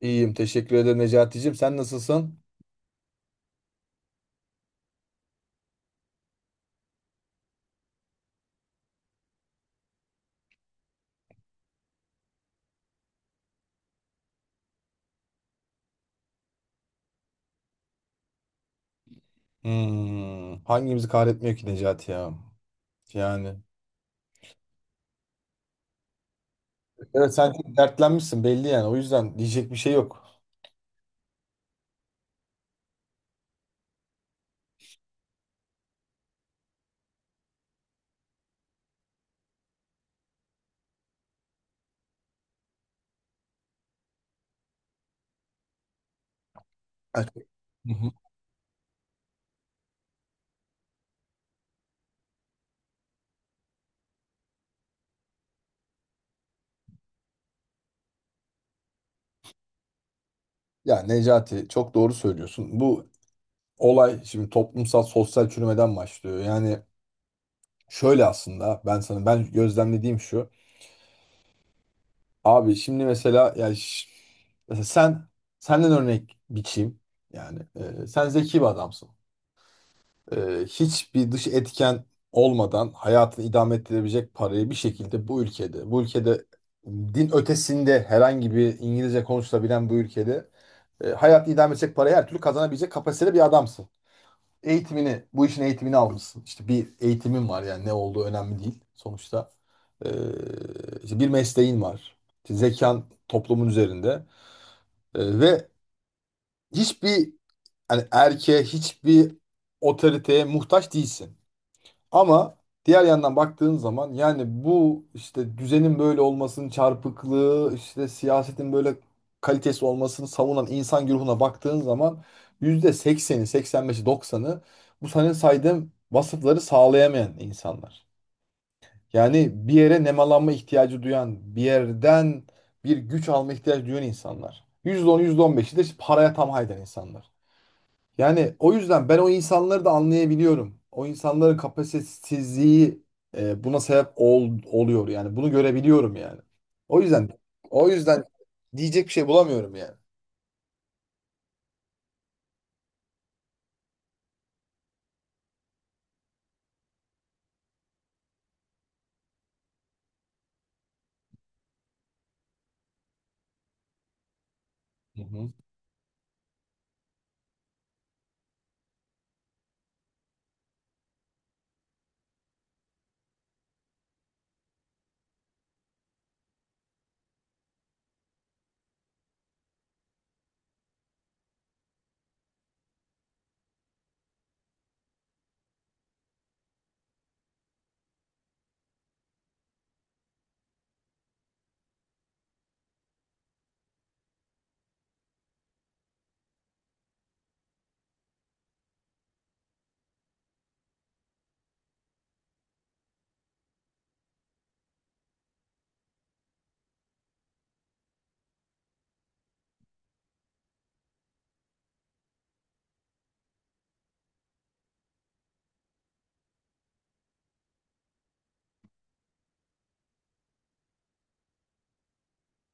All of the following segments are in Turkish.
İyiyim teşekkür ederim Necati'cim. Sen nasılsın? Hmm, hangimizi kahretmiyor ki Necati ya? Yani. Evet, sen çok dertlenmişsin belli yani. O yüzden diyecek bir şey yok. Evet. Hı hı. Ya Necati, çok doğru söylüyorsun. Bu olay şimdi toplumsal sosyal çürümeden başlıyor. Yani şöyle, aslında ben gözlemlediğim şu. Abi şimdi mesela, yani mesela senden örnek biçeyim. Yani sen zeki bir adamsın. Hiçbir dış etken olmadan hayatını idame ettirebilecek parayı bir şekilde bu ülkede din ötesinde herhangi bir İngilizce konuşulabilen bu ülkede hayatını idame edecek parayı her türlü kazanabilecek kapasitede bir adamsın. Eğitimini, bu işin eğitimini almışsın. İşte bir eğitimin var, yani ne olduğu önemli değil sonuçta. E, işte bir mesleğin var. İşte zekan toplumun üzerinde. Ve hiçbir, yani erkeğe, hiçbir otoriteye muhtaç değilsin. Ama diğer yandan baktığın zaman, yani bu işte düzenin böyle olmasının çarpıklığı, işte siyasetin böyle kalitesi olmasını savunan insan güruhuna baktığın zaman, %80'i, 85'i, 90'ı bu senin saydığım vasıfları sağlayamayan insanlar. Yani bir yere nemalanma ihtiyacı duyan, bir yerden bir güç alma ihtiyacı duyan insanlar. %10, yüzde on beşi de işte paraya tam hayden insanlar. Yani o yüzden ben o insanları da anlayabiliyorum. O insanların kapasitesizliği, buna sebep oluyor yani. Bunu görebiliyorum yani. O yüzden o yüzden diyecek bir şey bulamıyorum yani. Hı hı.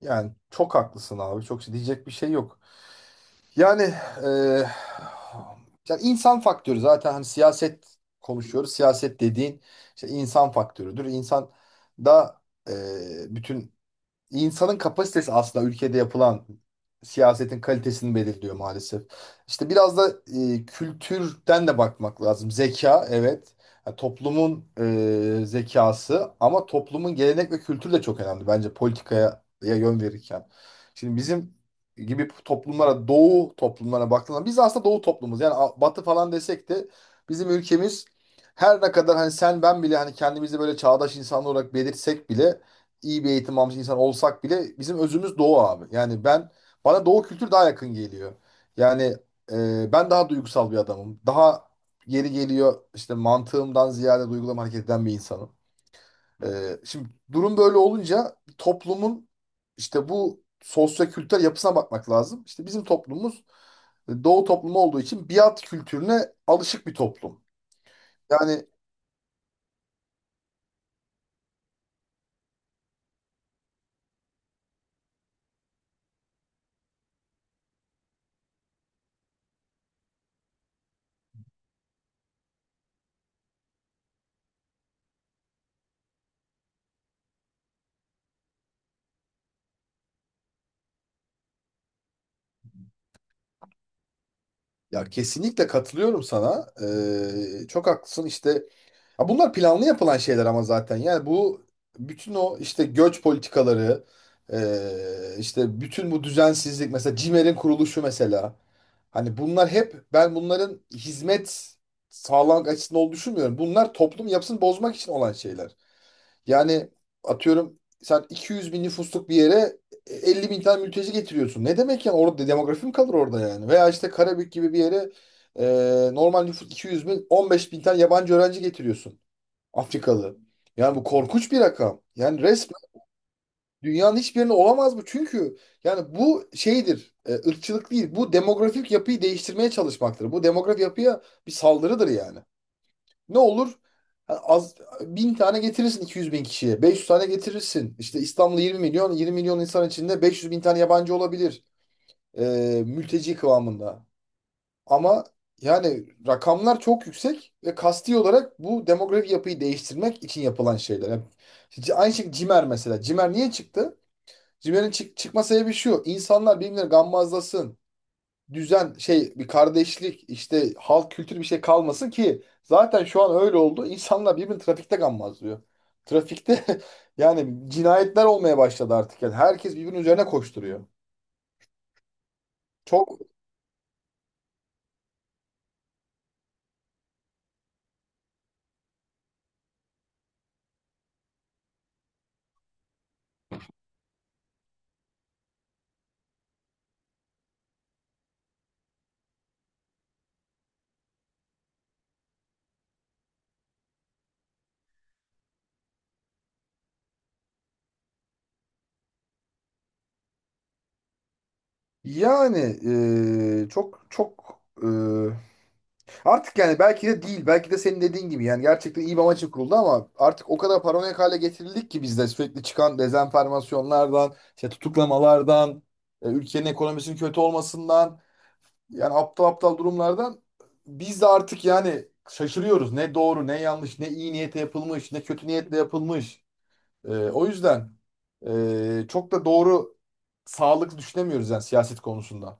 Yani çok haklısın abi. Çok şey, diyecek bir şey yok. Yani, e, insan faktörü zaten, hani siyaset konuşuyoruz. Siyaset dediğin işte insan faktörüdür. İnsan da, e, bütün insanın kapasitesi aslında ülkede yapılan siyasetin kalitesini belirliyor maalesef. İşte biraz da kültürden de bakmak lazım. Zeka, evet. Yani toplumun zekası, ama toplumun gelenek ve kültürü de çok önemli bence politikaya ya yön verirken. Şimdi bizim gibi toplumlara, doğu toplumlara baktığında biz aslında doğu toplumuz. Yani batı falan desek de bizim ülkemiz, her ne kadar hani sen ben bile hani kendimizi böyle çağdaş insanlar olarak belirtsek bile, iyi bir eğitim almış insan olsak bile bizim özümüz Doğu abi. Yani bana Doğu kültürü daha yakın geliyor. Yani ben daha duygusal bir adamım. Daha, yeri geliyor işte, mantığımdan ziyade duygularımı hareket eden bir insanım. E, Şimdi durum böyle olunca toplumun işte bu sosyo-kültürel yapısına bakmak lazım. İşte bizim toplumumuz Doğu toplumu olduğu için biat kültürüne alışık bir toplum. Yani, ya kesinlikle katılıyorum sana. Çok haklısın işte. Ya, bunlar planlı yapılan şeyler ama zaten. Yani bu, bütün o işte göç politikaları, işte bütün bu düzensizlik, mesela CİMER'in kuruluşu mesela. Hani bunlar hep, ben bunların hizmet sağlamak açısından olduğunu düşünmüyorum. Bunlar toplum yapısını bozmak için olan şeyler. Yani atıyorum, sen 200.000 nüfusluk bir yere 50.000 tane mülteci getiriyorsun. Ne demek yani, orada demografi mi kalır orada yani? Veya işte Karabük gibi bir yere, normal nüfus 200.000, 15.000 tane yabancı öğrenci getiriyorsun. Afrikalı. Yani bu korkunç bir rakam. Yani resmen dünyanın hiçbir yerinde olamaz bu. Çünkü yani bu şeydir, ırkçılık değil. Bu demografik yapıyı değiştirmeye çalışmaktır. Bu demografik yapıya bir saldırıdır yani. Ne olur? Ha, az, 1.000 tane getirirsin 200.000 kişiye. 500 tane getirirsin. İşte İstanbul'da 20 milyon, 20 milyon insan içinde 500.000 tane yabancı olabilir. E, Mülteci kıvamında. Ama yani rakamlar çok yüksek ve kasti olarak bu demografik yapıyı değiştirmek için yapılan şeyler. Yani aynı şekilde Cimer mesela. Cimer niye çıktı? Cimer'in çıkma sebebi şu. İnsanlar birbirine gammazlasın. Düzen, şey bir kardeşlik, işte halk kültürü, bir şey kalmasın ki zaten şu an öyle oldu. İnsanlar birbirini trafikte gammazlıyor. Trafikte yani cinayetler olmaya başladı artık. Yani herkes birbirinin üzerine koşturuyor. Çok yani çok çok Artık yani belki de değil. Belki de senin dediğin gibi yani gerçekten iyi bir amaç için kuruldu, ama artık o kadar paranoyak hale getirildik ki bizde sürekli çıkan dezenformasyonlardan, işte tutuklamalardan, ülkenin ekonomisinin kötü olmasından, yani aptal aptal durumlardan biz de artık yani şaşırıyoruz. Ne doğru, ne yanlış, ne iyi niyetle yapılmış, ne kötü niyetle yapılmış. O yüzden çok da doğru, sağlıklı düşünemiyoruz yani siyaset konusunda.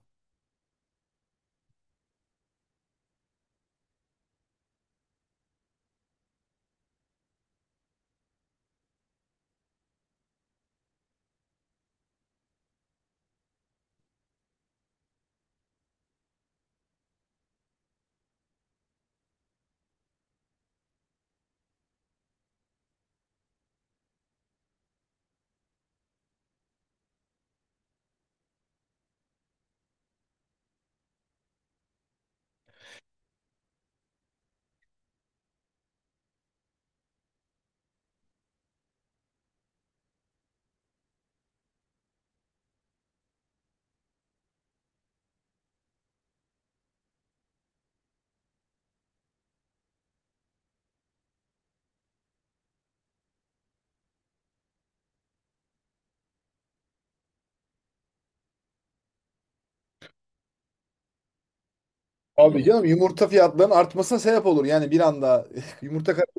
Abi canım, yumurta fiyatlarının artmasına sebep olur. Yani bir anda yumurta karası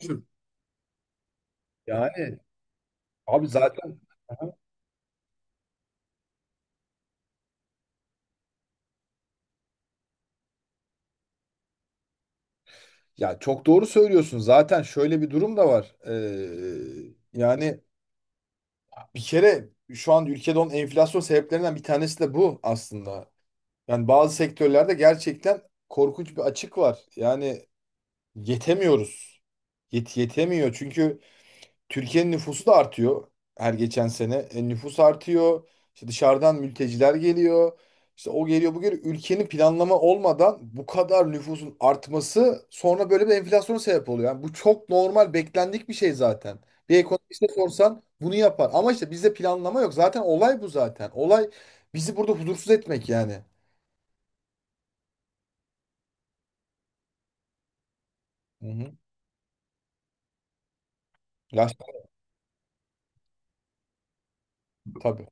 düşür. Yani abi zaten. Aha. Ya çok doğru söylüyorsun. Zaten şöyle bir durum da var. Yani bir kere şu an ülkede olan enflasyon sebeplerinden bir tanesi de bu aslında. Yani bazı sektörlerde gerçekten korkunç bir açık var. Yani yetemiyoruz. Yetemiyor. Çünkü Türkiye'nin nüfusu da artıyor her geçen sene. Nüfus artıyor. İşte dışarıdan mülteciler geliyor. İşte o geliyor bu geliyor. Ülkenin planlama olmadan bu kadar nüfusun artması sonra böyle bir enflasyona sebep oluyor. Yani bu çok normal, beklendik bir şey zaten. Bir ekonomiste sorsan bunu yapar. Ama işte bizde planlama yok. Zaten olay bu zaten. Olay bizi burada huzursuz etmek yani. Hı hı. Ya, tabii.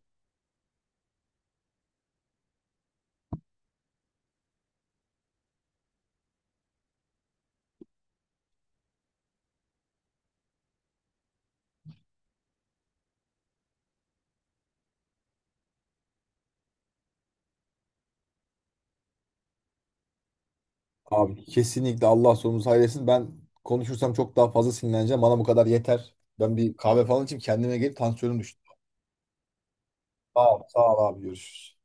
Abi kesinlikle Allah sonumuzu hayır etsin. Ben konuşursam çok daha fazla sinirleneceğim. Bana bu kadar yeter. Ben bir kahve falan içeyim kendime gelip tansiyonum düştü. Sağ ol, sağ ol abi görüşürüz.